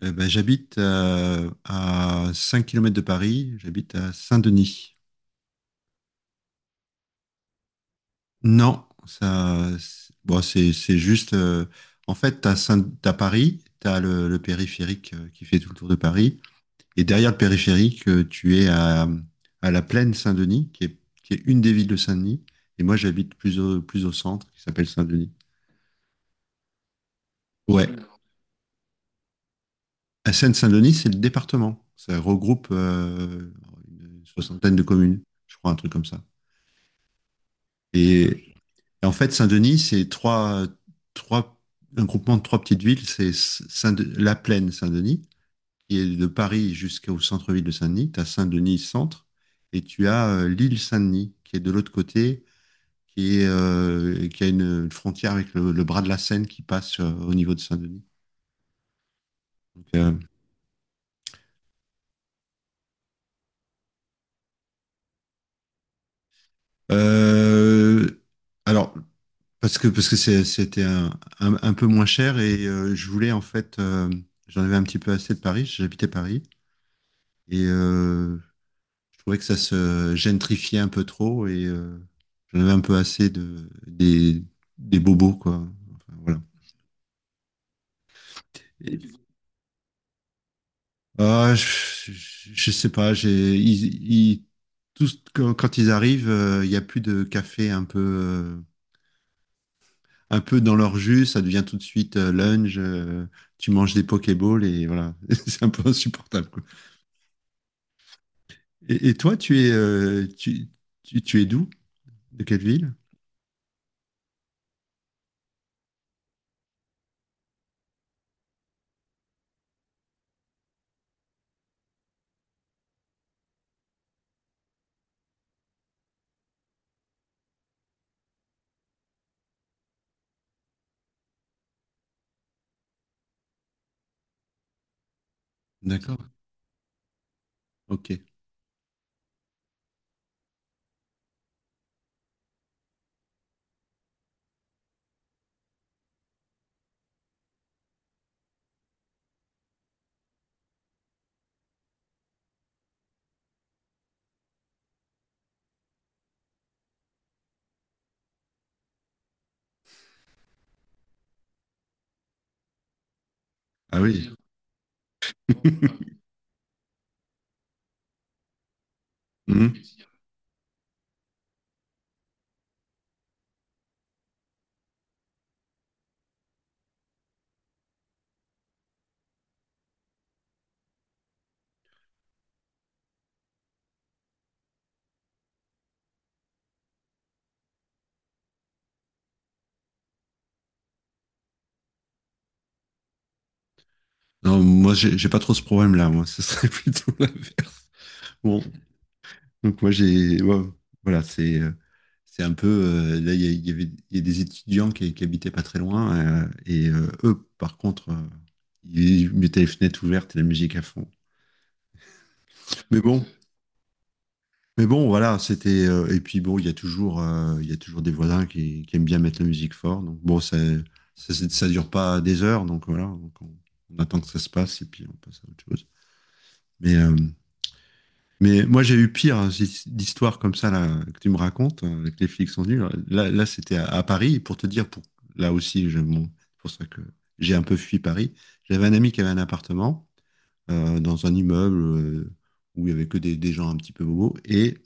Eh ben, j'habite à 5 kilomètres de Paris, j'habite à Saint-Denis. Non, ça, bon, c'est juste. En fait, t'as t'as Paris, t'as le périphérique qui fait tout le tour de Paris, et derrière le périphérique, tu es à la plaine Saint-Denis, qui est une des villes de Saint-Denis, et moi j'habite plus au centre, qui s'appelle Saint-Denis. Ouais, à Seine-Saint-Denis, c'est le département. Ça regroupe une soixantaine de communes, je crois, un truc comme ça. Et, Et en fait, Saint-Denis, c'est trois, un groupement de trois petites villes. C'est Saint La Plaine, Saint-Denis, qui est de Paris jusqu'au centre-ville de Saint-Denis. Tu as Saint-Denis centre et tu as l'île Saint-Denis, qui est de l'autre côté, qui a une frontière avec le bras de la Seine qui passe au niveau de Saint-Denis. Donc, euh, euh, alors, parce que c'était un peu moins cher et je voulais en fait, j'en avais un petit peu assez de Paris, j'habitais Paris et je trouvais que ça se gentrifiait un peu trop et j'en avais un peu assez des bobos, quoi. Enfin, voilà. Et- ah, je, je sais pas, tous, quand ils arrivent, il y a plus de café un peu dans leur jus, ça devient tout de suite lunch, tu manges des Pokéballs et voilà, c'est un peu insupportable, quoi. Et toi, tu es d'où? De quelle ville? D'accord. Ok. Ah oui. Non, moi, j'ai pas trop ce problème-là. Moi, ce serait plutôt l'inverse. Bon, donc moi, ouais, voilà, c'est un peu. Là, il y a des étudiants qui habitaient pas très loin, et eux, par contre, ils mettaient les fenêtres ouvertes et la musique à fond. Mais bon, mais bon, voilà, c'était. Et puis bon, il y a toujours des voisins qui aiment bien mettre la musique fort. Donc bon, ça dure pas des heures, donc voilà, donc on attend que ça se passe et puis on passe à autre chose. Mais euh, Mais moi, j'ai eu pire d'histoires comme ça là, que tu me racontes, que les flics sont venus. Là, c'était à Paris, pour te dire, là aussi, bon, c'est pour ça que j'ai un peu fui Paris. J'avais un ami qui avait un appartement dans un immeuble où il y avait que des gens un petit peu bobos, et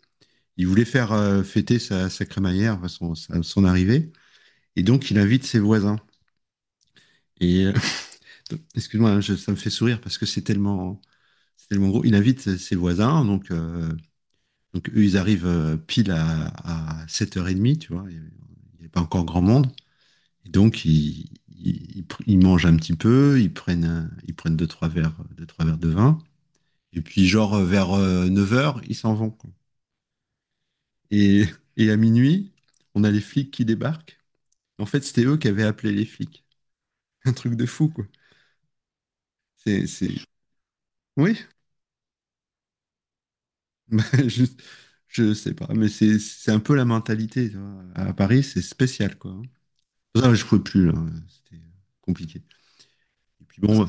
il voulait faire fêter sa crémaillère, enfin, son arrivée, et donc il invite ses voisins. Et euh, Excuse-moi, hein, ça me fait sourire parce que c'est tellement gros. Il invite ses voisins, donc eux, ils arrivent pile à 7h30, tu vois, il n'y a pas encore grand monde. Et donc ils mangent un petit peu, ils prennent deux, trois verres de vin. Et puis genre vers 9 heures, ils s'en vont, quoi. Et, et à minuit, on a les flics qui débarquent. En fait, c'était eux qui avaient appelé les flics. Un truc de fou, quoi. C'est, c'est... Oui, bah, je, je sais pas, mais c'est un peu la mentalité, tu vois. À Paris, c'est spécial, quoi, hein. Non, je pouvais plus, là. C'était compliqué. Et puis bon,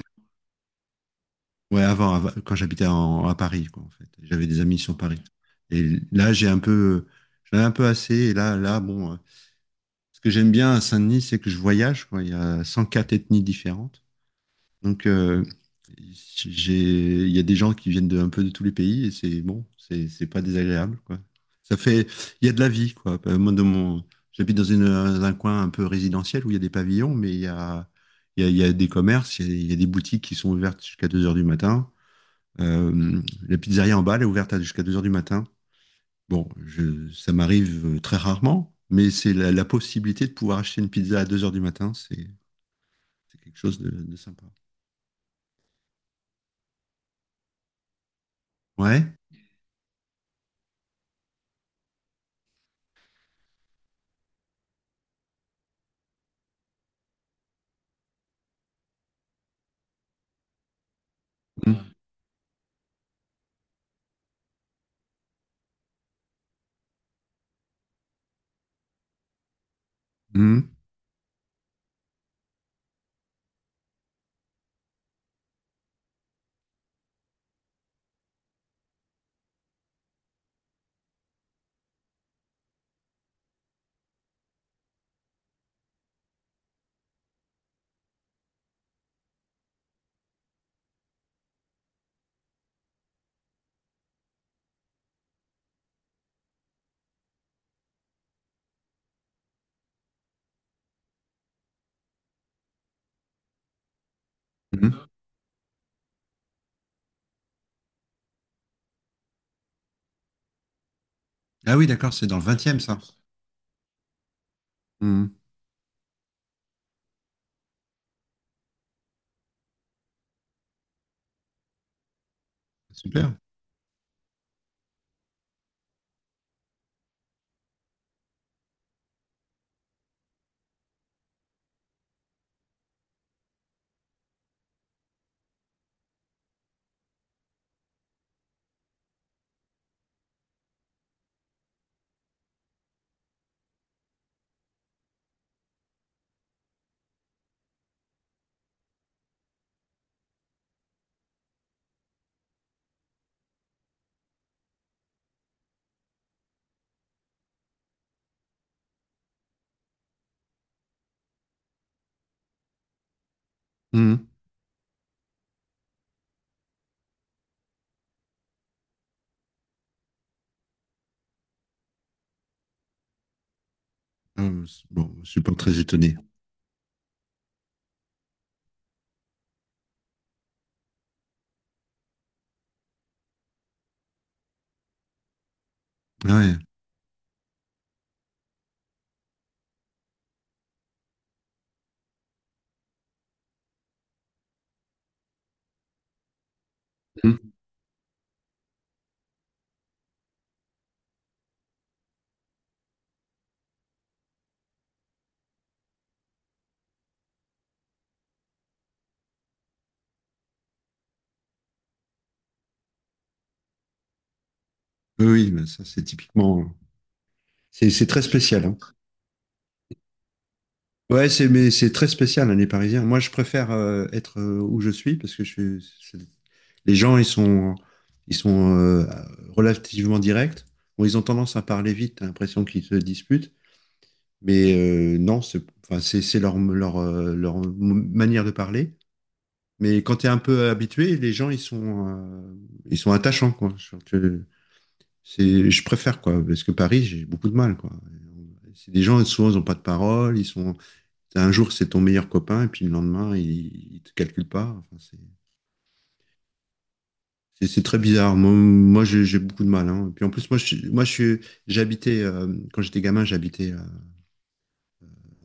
ouais, avant, quand j'habitais à Paris, quoi, en fait. J'avais des amis sur Paris. Et là, j'en ai un peu assez. Et là, bon, ce que j'aime bien à Saint-Denis, c'est que je voyage, quoi. Il y a 104 ethnies différentes. Donc, il y a des gens qui viennent de un peu de tous les pays et c'est bon, c'est pas désagréable, quoi. Ça fait, il y a de la vie, quoi. Moi, j'habite dans dans un coin un peu résidentiel où il y a des pavillons, mais il y a des commerces, il y a des boutiques qui sont ouvertes jusqu'à 2 heures du matin. Euh, la pizzeria en bas, elle est ouverte jusqu'à 2 heures du matin. Bon, ça m'arrive très rarement, mais c'est la possibilité de pouvoir acheter une pizza à 2 heures du matin, c'est quelque chose de sympa. Ouais. Mm. Mm. Mhm. Ah oui, d'accord, c'est dans le 20, ça. Mhm. Super. Mhm. Ah, bon, je suis pas très étonné. Ah ouais. Mhm. Oui, oui, mais ça, c'est typiquement. C'est très spécial, hein. Ouais, c'est mais c'est très spécial, hein, les Parisiens. Moi, je préfère être où je suis parce que je suis. c'est- Les gens, ils sont relativement directs. Bon, ils ont tendance à parler vite, t'as l'impression qu'ils se disputent. Non, c'est enfin, c'est leur manière de parler. Mais quand tu es un peu habitué, les gens, ils sont attachants, quoi. Je préfère, quoi. Parce que Paris, j'ai beaucoup de mal, quoi. C'est des gens, souvent, ils n'ont pas de parole. Un jour, c'est ton meilleur copain, et puis le lendemain, il ne te calcule pas. Enfin. C'est très bizarre. Moi, j'ai beaucoup de mal, hein. Et puis en plus, moi, j'habitais quand j'étais gamin, j'habitais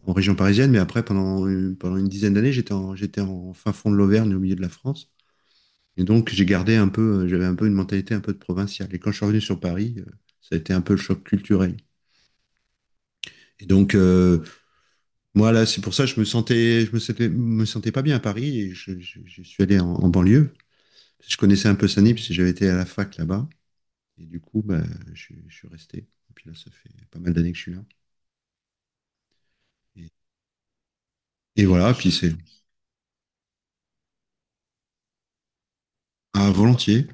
en région parisienne, mais après, pendant une dizaine d'années, j'étais en fin fond de l'Auvergne, au milieu de la France. Et donc, j'avais un peu une mentalité un peu de provinciale. Et quand je suis revenu sur Paris, ça a été un peu le choc culturel. Et donc, moi, là, c'est pour ça que me sentais pas bien à Paris et je suis allé en, en banlieue. Je connaissais un peu Saint-Denis parce que j'avais été à la fac là-bas. Et du coup, bah, je suis resté. Et puis là, ça fait pas mal d'années que je suis là. Et, et voilà, puis c'est à volontiers.